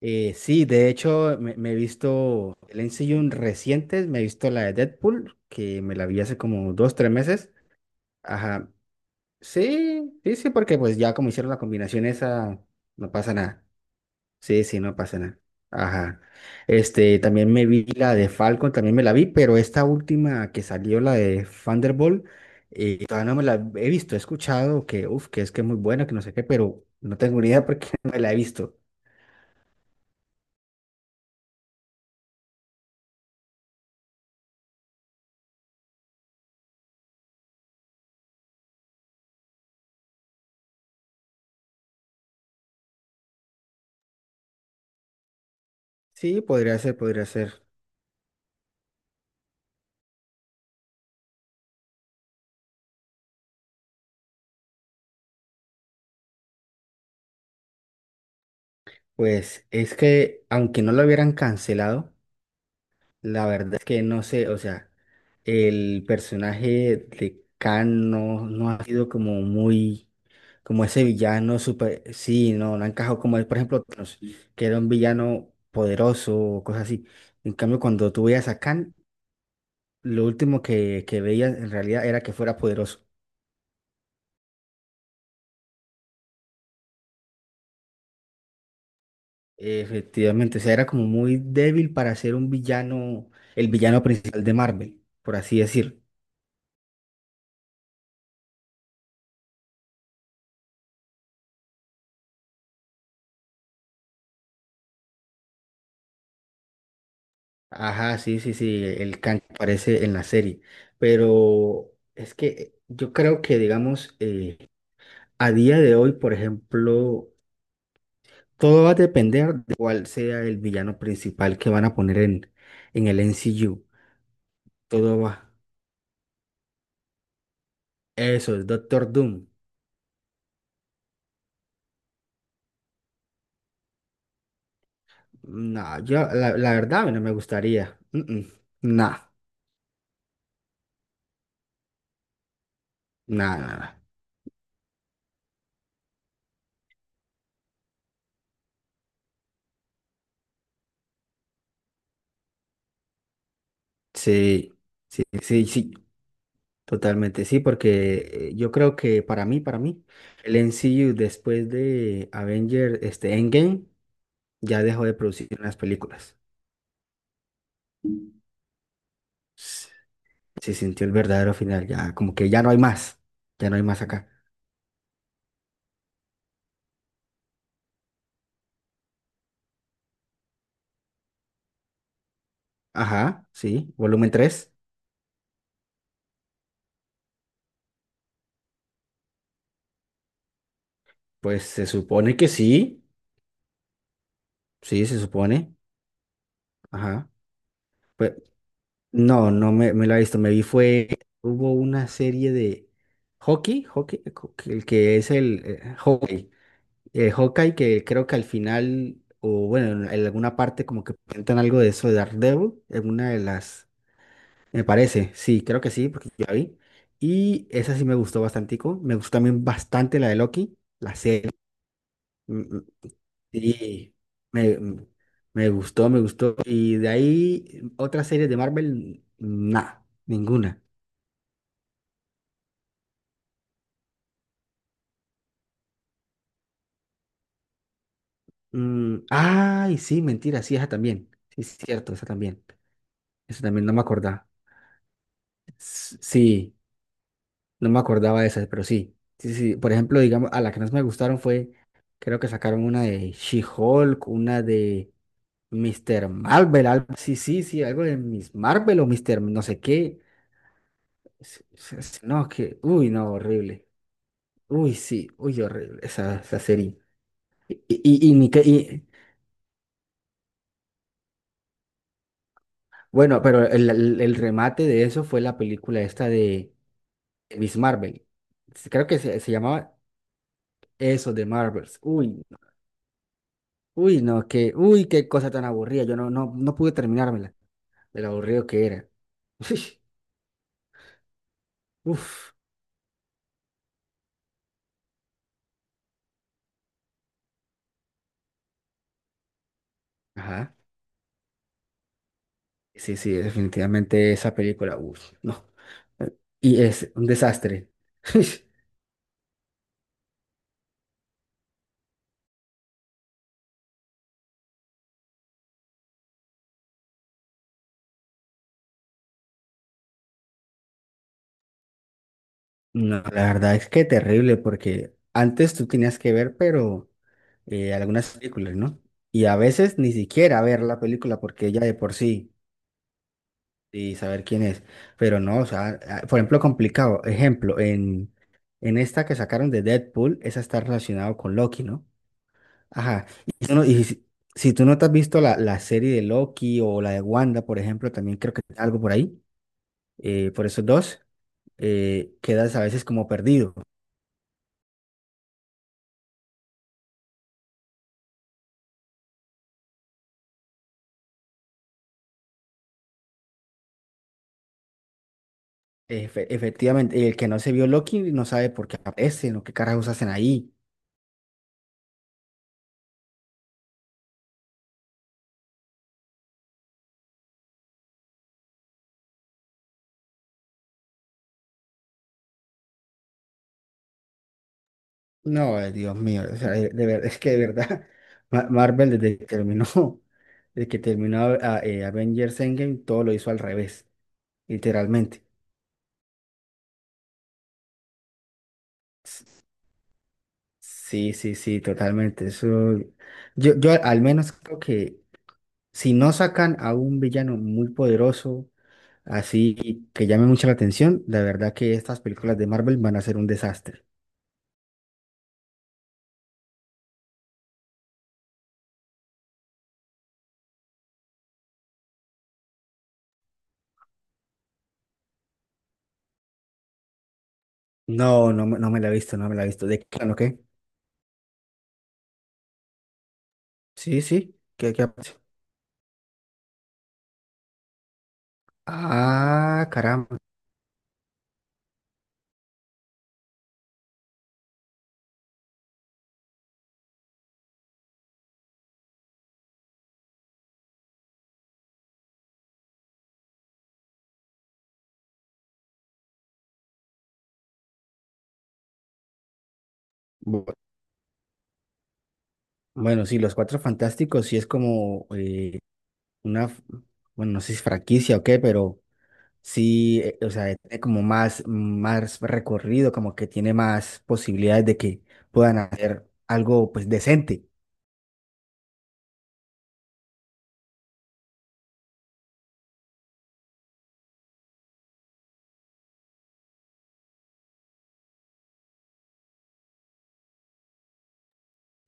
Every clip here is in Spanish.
Sí, de hecho, me he visto el MCU recientes, me he visto la de Deadpool, que me la vi hace como dos, tres meses. Ajá. Sí, sí, sí, porque pues ya como hicieron la combinación esa, no pasa nada. Sí, sí, no pasa nada. Ajá. También me vi la de Falcon, también me la vi, pero esta última que salió, la de Thunderbolt, todavía no me la he visto, he escuchado que, uf, que es muy buena, que no sé qué, pero no tengo ni idea porque no me la he visto. Sí, podría ser, podría ser. Pues es que aunque no lo hubieran cancelado, la verdad es que no sé, o sea, el personaje de Khan no ha sido como muy, como ese villano super, sí, no ha encajado como él, por ejemplo, Thanos, que era un villano poderoso o cosas así. En cambio, cuando tú veías a Khan, lo último que veías en realidad era que fuera poderoso. Efectivamente, o sea, era como muy débil para ser un villano, el villano principal de Marvel, por así decir. Ajá, sí, sí, sí, el can que aparece en la serie. Pero es que yo creo que, digamos, a día de hoy, por ejemplo, todo va a depender de cuál sea el villano principal que van a poner en el MCU. Todo va. Eso, es Doctor Doom. No, yo, la verdad, a mí no me gustaría. Mm, mm. Nah, nah, nah, nah. Sí, sí, sí, sí. Totalmente, sí, porque yo creo que para mí, el MCU después de Avenger, este Endgame, ya dejó de producir las películas. S- Se sintió el verdadero final, ya como que ya no hay más, ya no hay más acá. Ajá, sí, volumen tres, pues se supone que sí, sí, se supone, ajá. Pues no, me la he visto, me vi fue, hubo una serie de el que es el hockey, Hawkeye, que creo que al final, o bueno, en alguna parte como que presentan algo de eso de Daredevil, en una de las, me parece, sí, creo que sí, porque yo la vi. Y esa sí me gustó bastantico. Me gustó también bastante la de Loki, la serie. Mm, mm. Y me, mm, me gustó, me gustó. Y de ahí, otras series de Marvel, nada, ninguna. Mm, ay, sí, mentira, sí, esa también. Sí, es cierto, esa también. Esa también no me acordaba. Sí. No me acordaba de esas, pero sí. Sí, sí. Por ejemplo, digamos, a las que más me gustaron fue, creo que sacaron una de She-Hulk, una de Mr. Marvel, algo, sí, sí, sí, algo de Miss Marvel o Mr. no sé qué. No, que, uy, no, horrible. Uy, sí, uy, horrible esa, esa serie. Y ni que- y- Bueno, pero el remate de eso fue la película esta de Miss Marvel. Creo que se llamaba eso de Marvels. Uy. Uy, no, que, uy, qué cosa tan aburrida. Yo no, no, no pude terminármela, de lo aburrido que era. Uf, ajá. Sí, sí, definitivamente esa película, uf, no. Eh, Y es un desastre. No, la verdad es que terrible, porque antes tú tenías que ver, pero algunas películas, ¿no? Y a veces ni siquiera ver la película, porque ya de por sí. Y saber quién es. Pero no, o sea, ah, por ejemplo, complicado. Ejemplo, en esta que sacaron de Deadpool, esa está relacionada con Loki, ¿no? Ajá. Y si, si tú no te has visto la serie de Loki o la de Wanda, por ejemplo, también creo que algo por ahí, por esos dos, quedas a veces como perdido. Efectivamente, el que no se vio Loki no sabe por qué aparecen o qué carajos hacen ahí. No, Dios mío, o sea, de verdad, es que de verdad, Marvel desde que terminó, desde que terminó Avengers Endgame, todo lo hizo al revés, literalmente. S- Sí, sí, sí, totalmente. Eso, yo al menos creo que si no sacan a un villano muy poderoso, así que llame mucho la atención, la verdad que estas películas de Marvel van a ser un desastre. No, no, no me la he visto, no me la he visto. ¿De qué? ¿No qué? Sí, sí, ¿qué, qué? Ah, caramba. Bueno, sí, los Cuatro Fantásticos sí es como una, bueno, no sé si es franquicia o qué, pero sí, o sea, tiene como más, más recorrido, como que tiene más posibilidades de que puedan hacer algo pues decente.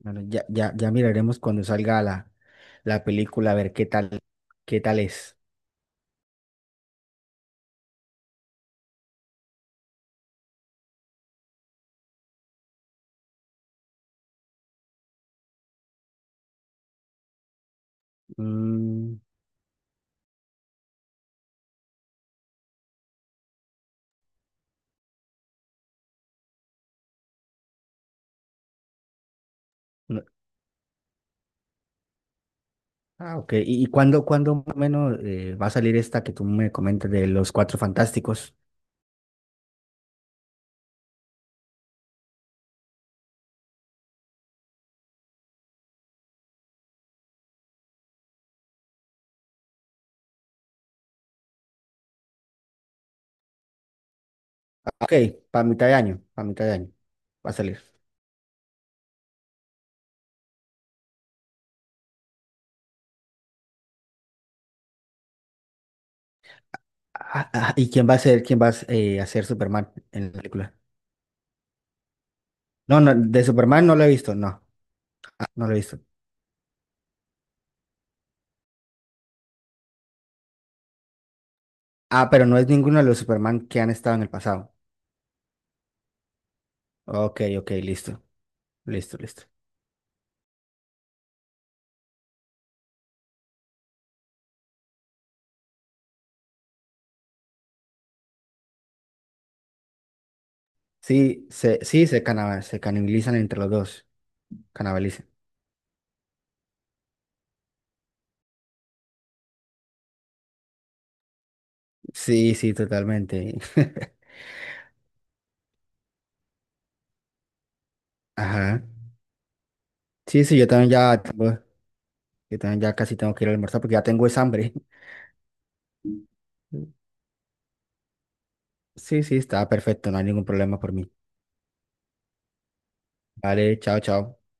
Bueno, ya, ya, ya miraremos cuando salga la película a ver qué tal es. Mm, no- ah, ok. Y cuándo, cuándo más o menos va a salir esta que tú me comentas de los Cuatro Fantásticos? Ok, para mitad de año, para mitad de año va a salir. Ah, ah, ¿y quién va a ser, quién va a, a ser Superman en la película? No, no, de Superman no lo he visto, no, ah, no lo he visto. Ah, pero no es ninguno de los Superman que han estado en el pasado. Ok, ok, listo, listo, listo. Sí, sí, se canibalizan entre los dos, canibalizan. Sí, sí, totalmente. Ajá. Sí, sí, yo también ya, yo también ya casi tengo que ir a almorzar porque ya tengo es hambre. Sí, sí, está perfecto, no hay ningún problema por mí. Vale, chao, chao.